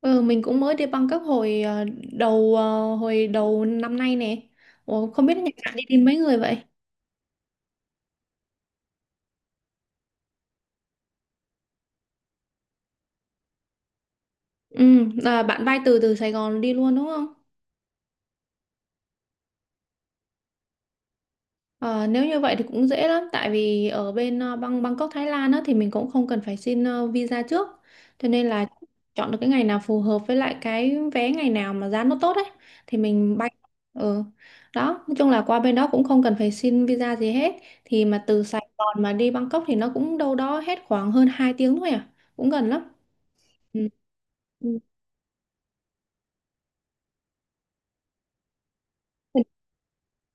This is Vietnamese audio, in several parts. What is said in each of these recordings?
Ừ, mình cũng mới đi Bangkok hồi hồi đầu năm nay nè. Ủa, không biết nhà bạn đi tìm mấy người vậy? Ừ, là bạn bay từ từ Sài Gòn đi luôn đúng không? Ờ, Nếu như vậy thì cũng dễ lắm tại vì ở bên Bangkok Thái Lan á, thì mình cũng không cần phải xin visa trước, cho nên là chọn được cái ngày nào phù hợp với lại cái vé ngày nào mà giá nó tốt ấy thì mình bay. ừ. Đó, nói chung là qua bên đó cũng không cần phải xin visa gì hết, thì mà từ Sài Gòn mà đi Bangkok thì nó cũng đâu đó hết khoảng hơn 2 tiếng thôi à, cũng gần lắm. Ừ. Ừ. Thật-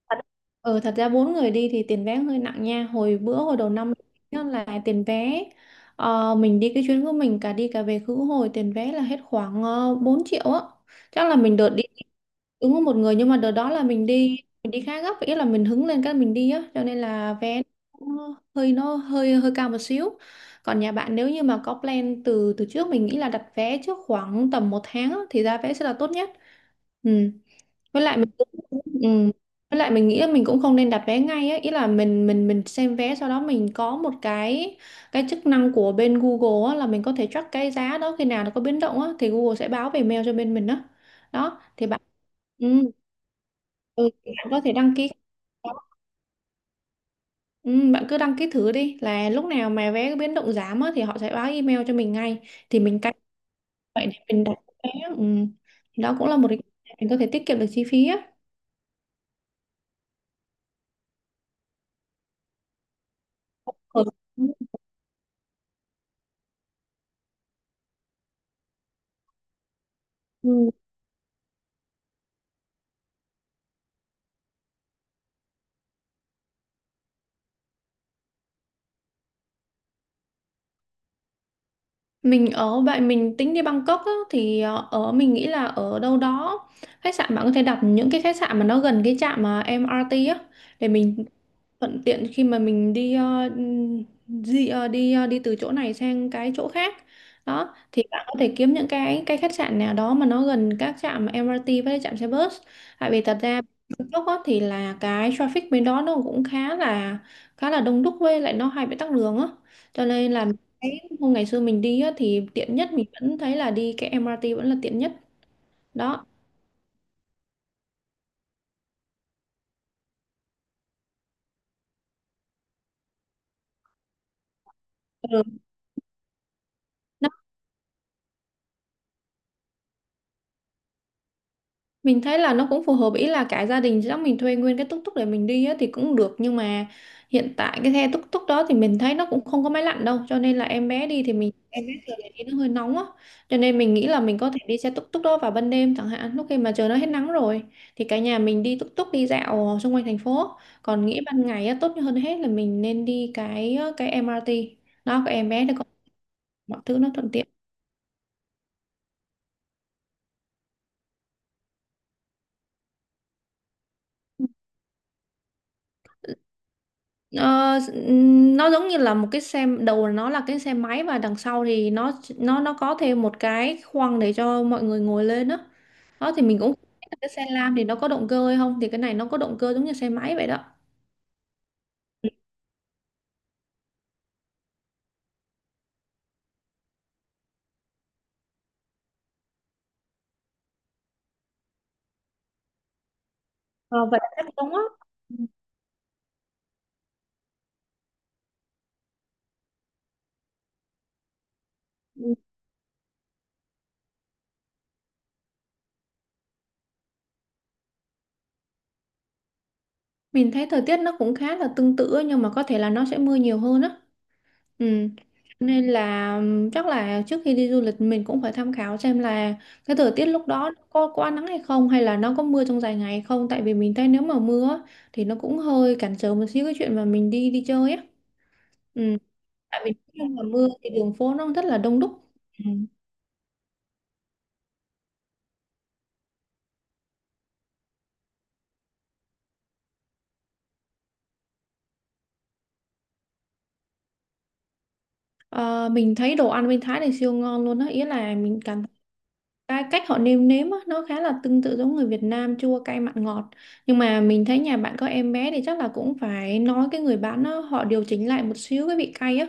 thật- Ừ, thật ra bốn người đi thì tiền vé hơi nặng nha, hồi bữa hồi đầu năm đó là tiền vé, mình đi cái chuyến của mình cả đi cả về khứ hồi, tiền vé là hết khoảng 4 triệu á. Chắc là mình đợt đi đúng có một người, nhưng mà đợt đó là mình đi, mình đi khá gấp, ý là mình hứng lên cái mình đi á, cho nên là vé nó hơi hơi cao một xíu. Còn nhà bạn nếu như mà có plan từ từ trước, mình nghĩ là đặt vé trước khoảng tầm 1 tháng á, thì ra vé sẽ là tốt nhất. Ừ. với lại mình cũng- Ừ. Với lại mình nghĩ là mình cũng không nên đặt vé ngay ấy. Ý là mình xem vé, sau đó mình có một cái chức năng của bên Google á, là mình có thể track cái giá đó khi nào nó có biến động á, thì Google sẽ báo về mail cho bên mình đó. Đó thì bạn, ừ, ừ, thì bạn có thể đăng ký. Ừ, bạn cứ đăng ký thử đi, là lúc nào mà vé biến động giảm á, thì họ sẽ báo email cho mình ngay, thì mình canh vậy để mình đặt vé. Ừ. Thì đó cũng là một cái mình có thể tiết kiệm được chi phí á. Ừ. Ừ. Mình ở vậy mình tính đi Bangkok á, thì ở mình nghĩ là ở đâu đó khách sạn, bạn có thể đặt những cái khách sạn mà nó gần cái trạm mà em MRT á, để mình thuận tiện khi mà mình đi ờ, di, ờ, đi từ chỗ này sang cái chỗ khác. Đó thì bạn có thể kiếm những cái khách sạn nào đó mà nó gần các trạm MRT với lại trạm xe bus. Tại vì thật ra, lúc đó thì là cái traffic bên đó nó cũng khá là đông đúc với lại nó hay bị tắc đường á, cho nên là cái hôm ngày xưa mình đi á, thì tiện nhất mình vẫn thấy là đi cái MRT vẫn là tiện nhất đó. Ừ. Mình thấy là nó cũng phù hợp, ý là cả gia đình chắc mình thuê nguyên cái túc túc để mình đi á, thì cũng được, nhưng mà hiện tại cái xe túc túc đó thì mình thấy nó cũng không có máy lạnh đâu, cho nên là em bé đi thì mình em bé thường là đi nó hơi nóng á, cho nên mình nghĩ là mình có thể đi xe túc túc đó vào ban đêm chẳng hạn, lúc khi mà trời nó hết nắng rồi, thì cả nhà mình đi túc túc đi dạo xung quanh thành phố. Còn nghĩ ban ngày á, tốt hơn hết là mình nên đi cái MRT, đó cái em bé để có mọi thứ nó thuận tiện. Ờ, nó giống như là một cái xe đầu nó là cái xe máy và đằng sau thì nó có thêm một cái khoang để cho mọi người ngồi lên đó. Đó thì mình cũng không biết là cái xe lam thì nó có động cơ hay không, thì cái này nó có động cơ giống như xe máy vậy đó. Ờ, Vậy chắc đúng á. Ừ. Mình thấy thời tiết nó cũng khá là tương tự á, nhưng mà có thể là nó sẽ mưa nhiều hơn á. Ừ. Nên là chắc là trước khi đi du lịch mình cũng phải tham khảo xem là cái thời tiết lúc đó có nắng hay không, hay là nó có mưa trong dài ngày hay không, tại vì mình thấy nếu mà mưa á, thì nó cũng hơi cản trở một xíu cái chuyện mà mình đi đi chơi á. Ừ. Tại vì khi mà mưa thì đường phố nó rất là đông đúc. Ừ. Ờ, mình thấy đồ ăn bên Thái này siêu ngon luôn á, ý là mình cảm. Cái cách họ nêm nếm á, nó khá là tương tự giống người Việt Nam, chua cay mặn ngọt, nhưng mà mình thấy nhà bạn có em bé thì chắc là cũng phải nói cái người bán á, họ điều chỉnh lại một xíu cái vị cay á,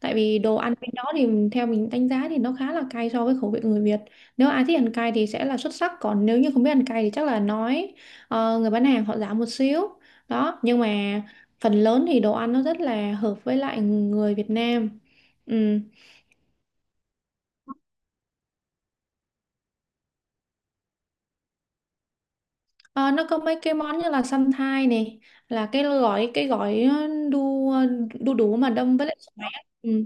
tại vì đồ ăn bên đó thì theo mình đánh giá thì nó khá là cay so với khẩu vị người Việt. Nếu ai thích ăn cay thì sẽ là xuất sắc, còn nếu như không biết ăn cay thì chắc là nói người bán hàng họ giảm một xíu. Đó nhưng mà phần lớn thì đồ ăn nó rất là hợp với lại người Việt Nam. Ừ. Ờ, nó có mấy cái món như là săn thai này, là cái gói đu đủ mà đâm với lại xoài á. Ừ.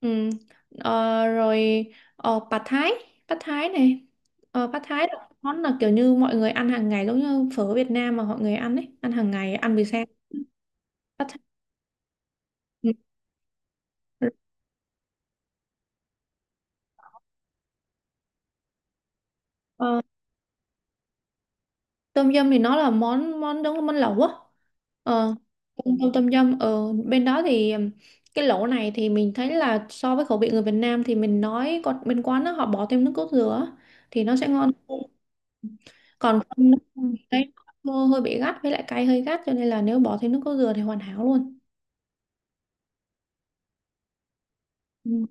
Ừ. Ờ, Rồi pad thái, pad thái này pad thái là món là kiểu như mọi người ăn hàng ngày, giống như phở Việt Nam mà mọi người ăn ấy, ăn hàng ngày, ăn buổi sáng pad thái. Ừ. Ờ, Tôm dâm thì nó là món món giống món lẩu á. Ờ, tôm tom Tom yum ở bên đó thì cái lẩu này thì mình thấy là so với khẩu vị người Việt Nam thì mình nói, còn bên quán đó họ bỏ thêm nước cốt dừa á, thì nó sẽ ngon hơn. Còn không thì thấy nó hơi bị gắt với lại cay, hơi gắt, cho nên là nếu bỏ thêm nước cốt dừa thì hoàn hảo luôn. Ừ.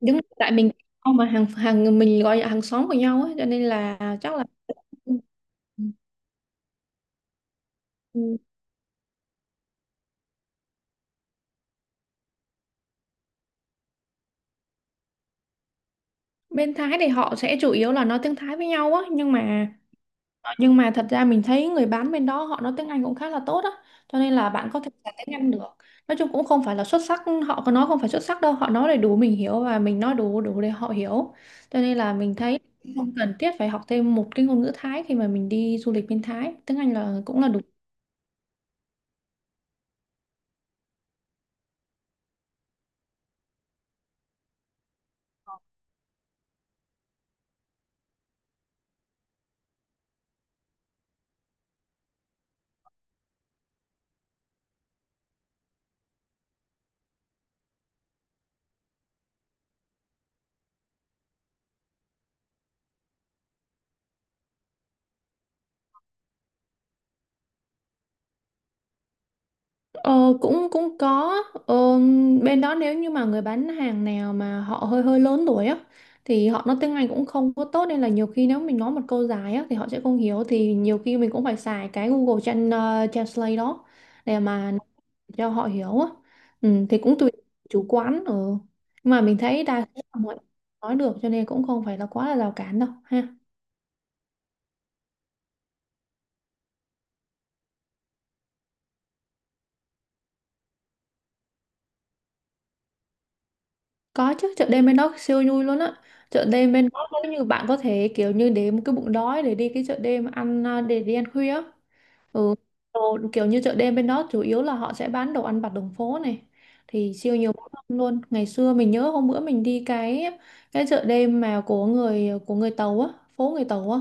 Đúng tại mình không, mà hàng hàng mình gọi là hàng xóm của nhau ấy, cho nên là chắc là. Ừ. Ừ. Bên Thái thì họ sẽ chủ yếu là nói tiếng Thái với nhau á, nhưng mà thật ra mình thấy người bán bên đó họ nói tiếng Anh cũng khá là tốt á, cho nên là bạn có thể xài tiếng Anh được. Nói chung cũng không phải là xuất sắc, họ có nói không phải xuất sắc đâu, họ nói để đủ mình hiểu và mình nói đủ đủ để họ hiểu, cho nên là mình thấy không cần thiết phải học thêm một cái ngôn ngữ Thái khi mà mình đi du lịch bên Thái, tiếng Anh là cũng là đủ. Ờ, cũng cũng có. ờ, Bên đó nếu như mà người bán hàng nào mà họ hơi hơi lớn tuổi á, thì họ nói tiếng Anh cũng không có tốt, nên là nhiều khi nếu mình nói một câu dài á thì họ sẽ không hiểu, thì nhiều khi mình cũng phải xài cái Translate đó để mà nói cho họ hiểu á. Ừ, thì cũng tùy chủ quán. Ừ. Nhưng mà mình thấy đa số là mọi người nói được, cho nên cũng không phải là quá là rào cản đâu ha. Có chứ, chợ đêm bên đó siêu vui luôn á. Chợ đêm bên đó nếu như bạn có thể kiểu như để một cái bụng đói để đi cái chợ đêm ăn, à, để đi ăn khuya. Ừ. Đồ, kiểu như chợ đêm bên đó chủ yếu là họ sẽ bán đồ ăn vặt đường phố này, thì siêu nhiều món ngon luôn. Ngày xưa mình nhớ hôm bữa mình đi cái chợ đêm mà của người Tàu á, phố người Tàu á,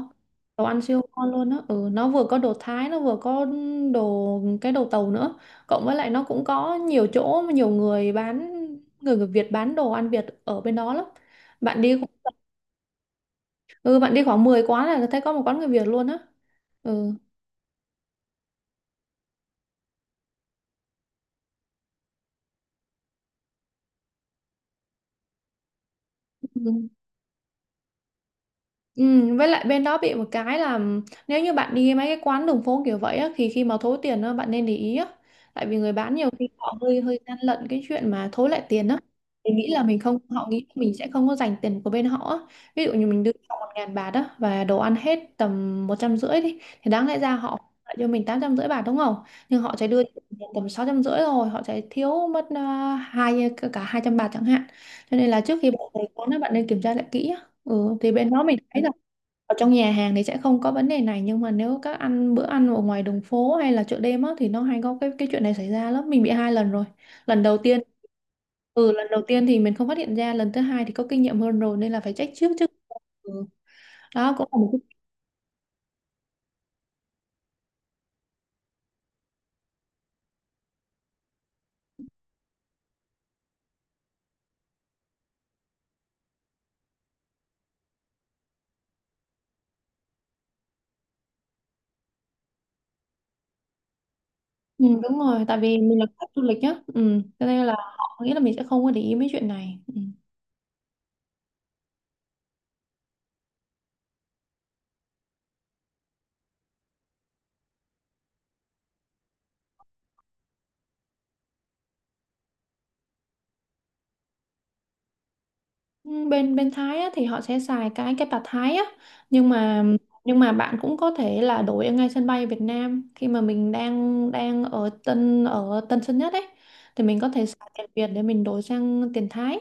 đồ ăn siêu ngon luôn á. Ừ, nó vừa có đồ Thái, nó vừa có đồ cái đồ Tàu nữa, cộng với lại nó cũng có nhiều chỗ mà nhiều người bán người người Việt bán đồ ăn Việt ở bên đó lắm. Bạn đi, ừ, bạn đi khoảng 10 quán là thấy có 1 quán người Việt luôn á. Ừ. Với lại bên đó bị một cái là nếu như bạn đi mấy cái quán đường phố kiểu vậy á, thì khi mà thối tiền á, bạn nên để ý á. Tại vì người bán nhiều khi họ hơi hơi gian lận cái chuyện mà thối lại tiền á. Thì nghĩ là mình không, họ nghĩ mình sẽ không có dành tiền của bên họ á. Ví dụ như mình đưa họ 1.000 bạt á, và đồ ăn hết tầm 150 đi, thì đáng lẽ ra họ lại cho mình 850 bạt đúng không? Nhưng họ sẽ đưa tầm 650, rồi họ sẽ thiếu mất 200 bạt chẳng hạn. Cho nên là trước khi bạn tới quán á, bạn nên kiểm tra lại kỹ. Ừ, thì bên đó mình thấy là ở trong nhà hàng thì sẽ không có vấn đề này, nhưng mà nếu các ăn bữa ăn ở ngoài đường phố hay là chợ đêm á, thì nó hay có cái chuyện này xảy ra lắm. Mình bị 2 lần rồi, lần đầu tiên, lần đầu tiên thì mình không phát hiện ra, lần thứ hai thì có kinh nghiệm hơn rồi nên là phải trách trước chứ. Ừ. Đó cũng là một cái. Ừ, đúng rồi, tại vì mình là khách du lịch nhá. Ừ, cho nên là họ nghĩ là mình sẽ không có để ý mấy chuyện này. Ừ. Ừ, bên bên Thái á, thì họ sẽ xài cái bạt Thái á, nhưng mà nhưng mà bạn cũng có thể là đổi ở ngay sân bay Việt Nam khi mà mình đang đang ở Tân Sơn Nhất ấy, thì mình có thể xài tiền Việt để mình đổi sang tiền Thái.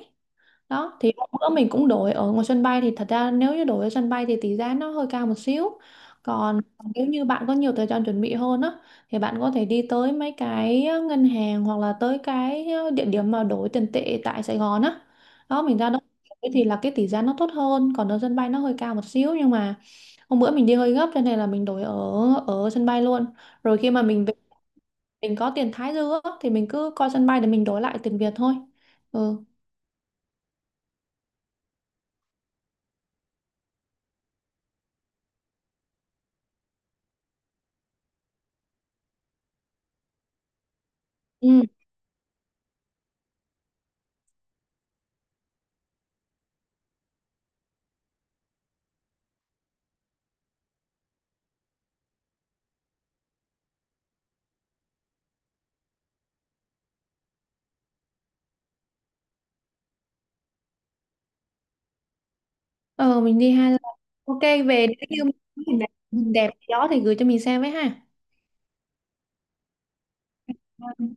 Đó thì hôm bữa mình cũng đổi ở ngoài sân bay, thì thật ra nếu như đổi ở sân bay thì tỷ giá nó hơi cao một xíu. Còn nếu như bạn có nhiều thời gian chuẩn bị hơn á, thì bạn có thể đi tới mấy cái ngân hàng hoặc là tới cái địa điểm mà đổi tiền tệ tại Sài Gòn á, đó mình ra đó thì là cái tỷ giá nó tốt hơn. Còn ở sân bay nó hơi cao một xíu, nhưng mà hôm bữa mình đi hơi gấp, cho nên là mình đổi ở ở sân bay luôn, rồi khi mà mình về, mình có tiền Thái dư á, thì mình cứ coi sân bay để mình đổi lại tiền Việt thôi. Ừ. Ừ. Ờ mình đi 2 lần. Ok, về nếu như mình đẹp, hình đẹp gì đó thì gửi cho mình xem với ha. Vâng.